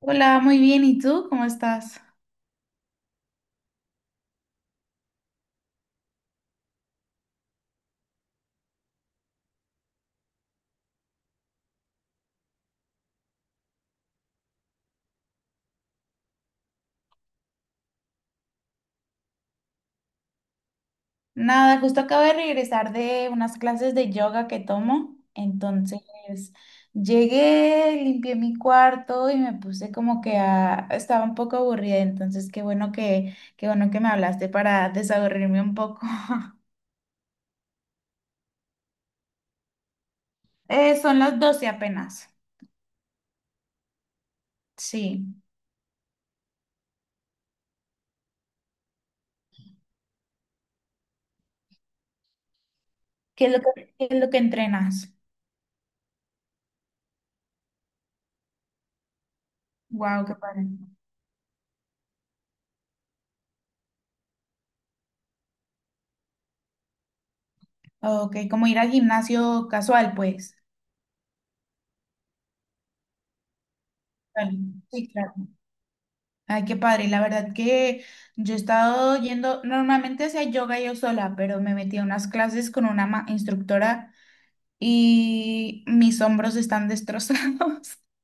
Hola, muy bien. ¿Y tú? ¿Cómo estás? Nada, justo acabo de regresar de unas clases de yoga que tomo. Entonces, llegué, limpié mi cuarto y me puse como que a estaba un poco aburrida. Entonces, qué bueno que me hablaste para desaburrirme un poco. Son las 12 apenas. Sí. ¿Qué es lo que entrenas? Wow, qué padre. Ok, como ir al gimnasio casual, pues. Vale. Sí, claro. Ay, qué padre. La verdad que yo he estado yendo, normalmente hacía yoga yo sola, pero me metí a unas clases con una instructora y mis hombros están destrozados.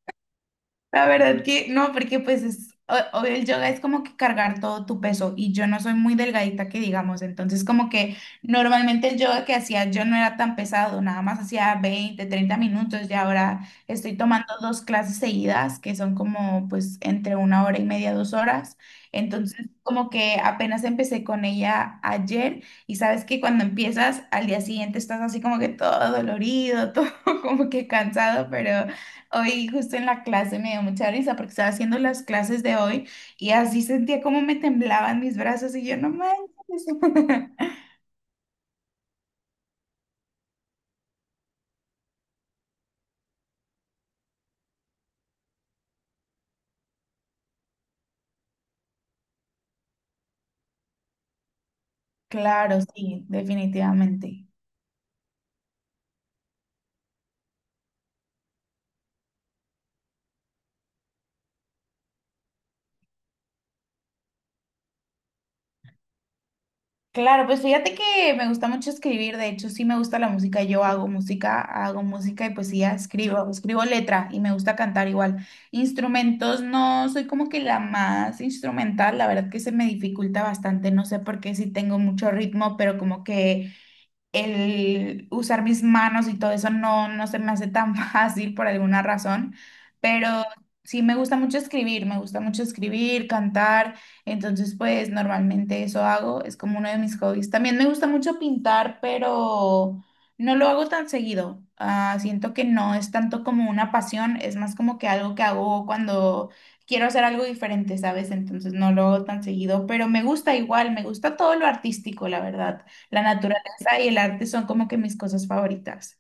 La verdad que no, porque pues es, o el yoga es como que cargar todo tu peso y yo no soy muy delgadita que digamos, entonces como que normalmente el yoga que hacía yo no era tan pesado, nada más hacía 20 30 minutos y ahora estoy tomando dos clases seguidas que son como pues entre una hora y media, 2 horas, entonces como que apenas empecé con ella ayer y sabes que cuando empiezas al día siguiente estás así como que todo dolorido, todo como que cansado. Hoy justo en la clase me dio mucha risa porque estaba haciendo las clases de hoy y así sentía como me temblaban mis brazos y yo no manches. Claro, sí, definitivamente. Claro, pues fíjate que me gusta mucho escribir, de hecho sí me gusta la música, yo hago música y poesía, escribo, escribo letra y me gusta cantar igual. Instrumentos no soy como que la más instrumental, la verdad que se me dificulta bastante, no sé por qué sí tengo mucho ritmo, pero como que el usar mis manos y todo eso no, no se me hace tan fácil por alguna razón, pero sí me gusta mucho escribir, me gusta mucho escribir, cantar, entonces pues normalmente eso hago, es como uno de mis hobbies. También me gusta mucho pintar, pero no lo hago tan seguido. Ah, siento que no es tanto como una pasión, es más como que algo que hago cuando quiero hacer algo diferente, ¿sabes? Entonces no lo hago tan seguido, pero me gusta igual, me gusta todo lo artístico, la verdad. La naturaleza danza y el arte son como que mis cosas favoritas.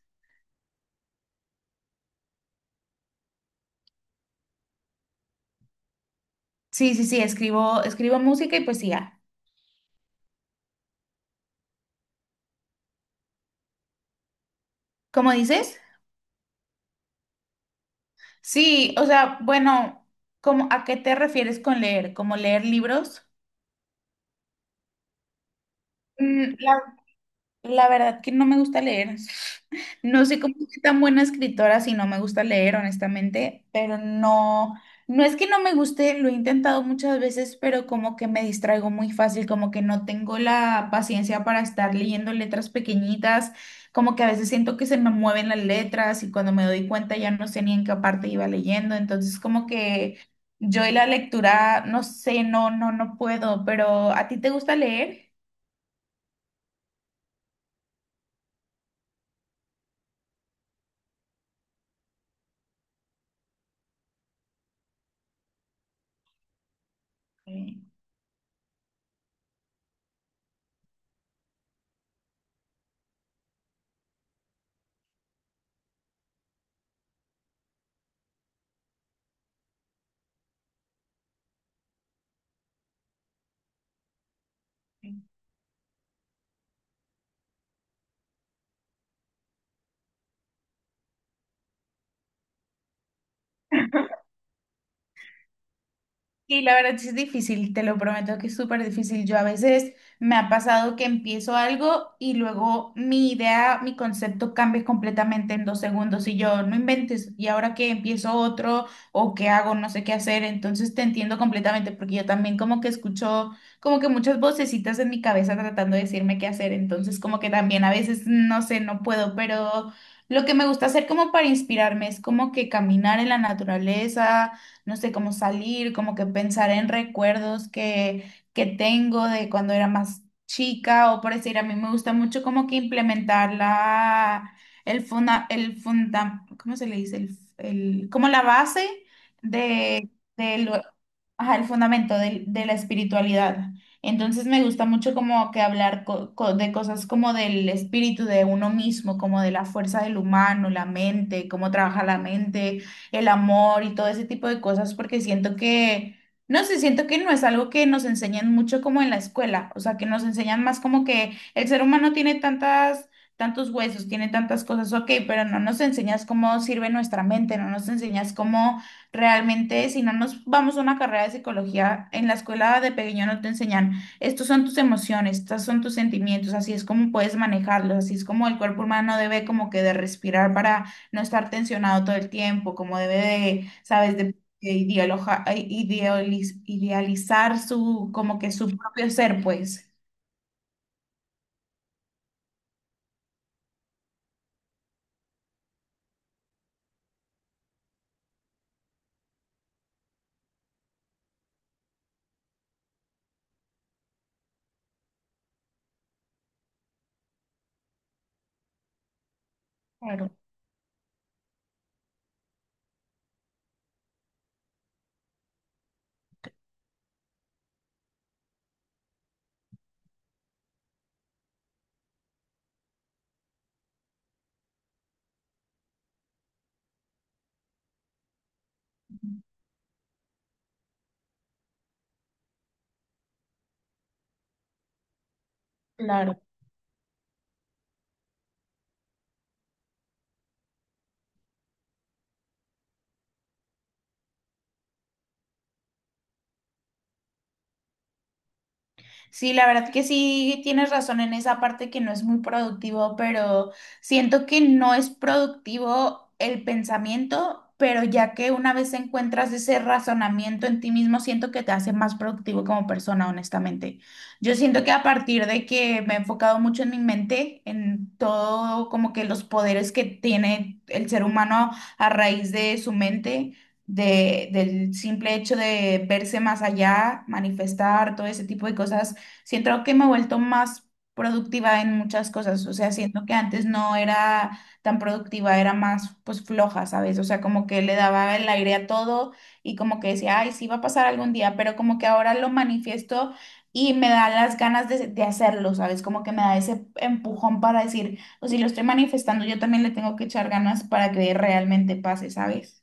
Sí, sí, sí, escribo, escribo música y poesía. ¿Cómo dices? Sí, o sea, bueno, ¿cómo, a qué te refieres con leer? ¿Como leer libros? Mm, la verdad que no me gusta leer. No sé cómo soy tan buena escritora si no me gusta leer, honestamente, pero no, no es que no me guste, lo he intentado muchas veces, pero como que me distraigo muy fácil, como que no tengo la paciencia para estar leyendo letras pequeñitas, como que a veces siento que se me mueven las letras y cuando me doy cuenta ya no sé ni en qué parte iba leyendo, entonces como que yo y la lectura, no sé, no, no, no puedo, pero ¿a ti te gusta leer? Sí. Y la verdad sí es difícil, te lo prometo que es súper difícil. Yo a veces me ha pasado que empiezo algo y luego mi idea, mi concepto cambia completamente en 2 segundos y yo no inventes y ahora que empiezo otro o qué hago, no sé qué hacer. Entonces te entiendo completamente porque yo también como que escucho como que muchas vocecitas en mi cabeza tratando de decirme qué hacer. Entonces como que también a veces no sé, no puedo, pero lo que me gusta hacer como para inspirarme es como que caminar en la naturaleza, no sé, cómo salir, como que pensar en recuerdos que tengo de cuando era más chica o por decir, a mí me gusta mucho como que implementar la, el funda, ¿cómo se le dice? El, como la base de, de lo- ajá, el fundamento de, la espiritualidad. Entonces me gusta mucho como que hablar de cosas como del espíritu de uno mismo, como de la fuerza del humano, la mente, cómo trabaja la mente, el amor y todo ese tipo de cosas, porque siento que, no sé, siento que no es algo que nos enseñan mucho como en la escuela, o sea, que nos enseñan más como que el ser humano tiene tantas, tantos huesos, tiene tantas cosas, ok, pero no nos enseñas cómo sirve nuestra mente, no nos enseñas cómo realmente, si no nos vamos a una carrera de psicología, en la escuela de pequeño no te enseñan. Estos son tus emociones, estos son tus sentimientos, así es como puedes manejarlos, así es como el cuerpo humano debe como que de respirar para no estar tensionado todo el tiempo, como debe de, sabes, de, de idealizar su, como que su propio ser, pues. Claro, claro. Sí, la verdad que sí tienes razón en esa parte que no es muy productivo, pero siento que no es productivo el pensamiento, pero ya que una vez encuentras ese razonamiento en ti mismo, siento que te hace más productivo como persona, honestamente. Yo siento que a partir de que me he enfocado mucho en mi mente, en todo como que los poderes que tiene el ser humano a raíz de su mente, del simple hecho de verse más allá, manifestar todo ese tipo de cosas. Siento que me he vuelto más productiva en muchas cosas, o sea, siento que antes no era tan productiva, era más pues floja, ¿sabes? O sea, como que le daba el aire a todo y como que decía, ay, sí va a pasar algún día, pero como que ahora lo manifiesto y me da las ganas de hacerlo, ¿sabes? Como que me da ese empujón para decir, o si lo estoy manifestando, yo también le tengo que echar ganas para que realmente pase, ¿sabes?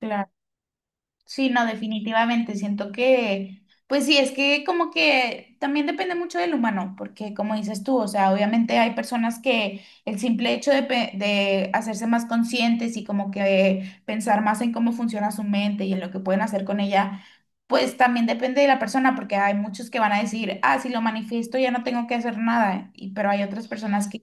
Claro. Sí, no, definitivamente. Siento que, pues sí, es que como que también depende mucho del humano, porque como dices tú, o sea, obviamente hay personas que el simple hecho de, de hacerse más conscientes y como que pensar más en cómo funciona su mente y en lo que pueden hacer con ella, pues también depende de la persona, porque hay muchos que van a decir, ah, si lo manifiesto ya no tengo que hacer nada, y, pero hay otras personas que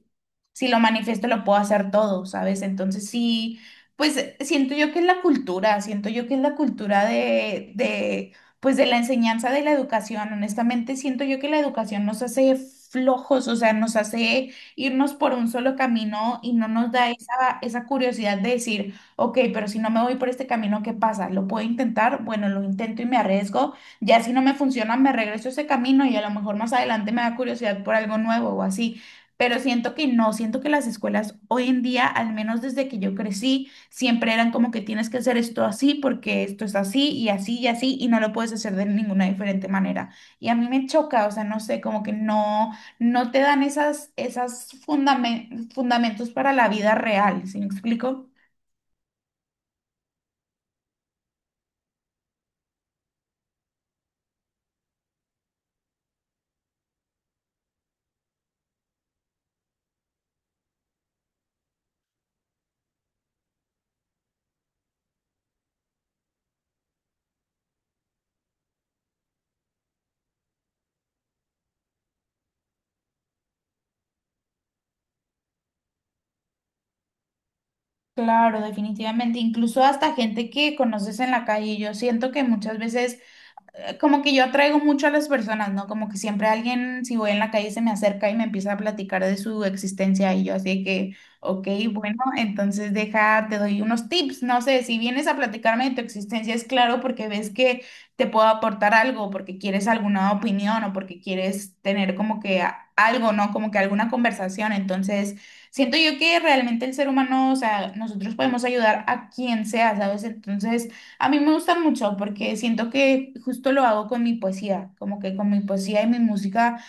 si lo manifiesto lo puedo hacer todo, ¿sabes? Entonces sí. Pues siento yo que es la cultura, siento yo que es la cultura de, pues de la enseñanza de la educación. Honestamente, siento yo que la educación nos hace flojos, o sea, nos hace irnos por un solo camino y no nos da esa, esa curiosidad de decir, ok, pero si no me voy por este camino, ¿qué pasa? ¿Lo puedo intentar? Bueno, lo intento y me arriesgo. Ya si no me funciona, me regreso a ese camino y a lo mejor más adelante me da curiosidad por algo nuevo o así. Pero siento que no, siento que las escuelas hoy en día, al menos desde que yo crecí, siempre eran como que tienes que hacer esto así porque esto es así y así y así y no lo puedes hacer de ninguna diferente manera. Y a mí me choca, o sea, no sé, como que no, no te dan esas, esas fundamentos para la vida real, ¿sí me explico? Claro, definitivamente. Incluso hasta gente que conoces en la calle, yo siento que muchas veces como que yo atraigo mucho a las personas, ¿no? Como que siempre alguien, si voy en la calle, se me acerca y me empieza a platicar de su existencia y yo así que, ok, bueno, entonces deja, te doy unos tips, no sé, si vienes a platicarme de tu existencia, es claro porque ves que te puedo aportar algo, porque quieres alguna opinión o porque quieres tener como que algo, ¿no? Como que alguna conversación, entonces. Siento yo que realmente el ser humano, o sea, nosotros podemos ayudar a quien sea, ¿sabes? Entonces, a mí me gusta mucho porque siento que justo lo hago con mi poesía, como que con mi poesía y mi música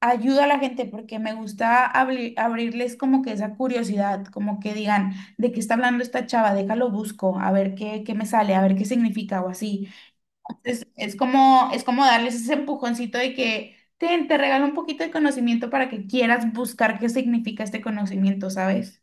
ayuda a la gente porque me gusta abrirles como que esa curiosidad, como que digan, ¿de qué está hablando esta chava? Déjalo busco, a ver qué me sale, a ver qué significa o así. Es como darles ese empujoncito de que "Ten, te regalo un poquito de conocimiento para que quieras buscar qué significa este conocimiento", ¿sabes?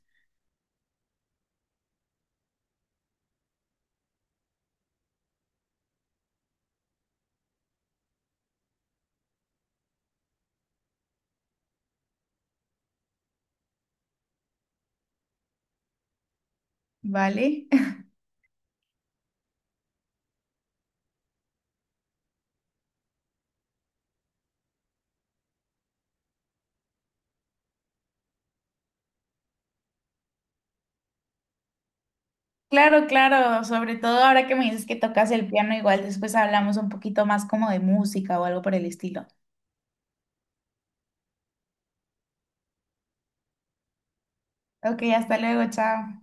¿Vale? Claro, claro, sobre todo ahora que me dices que tocas el piano, igual después hablamos un poquito más como de música o algo por el estilo. Ok, hasta luego, chao.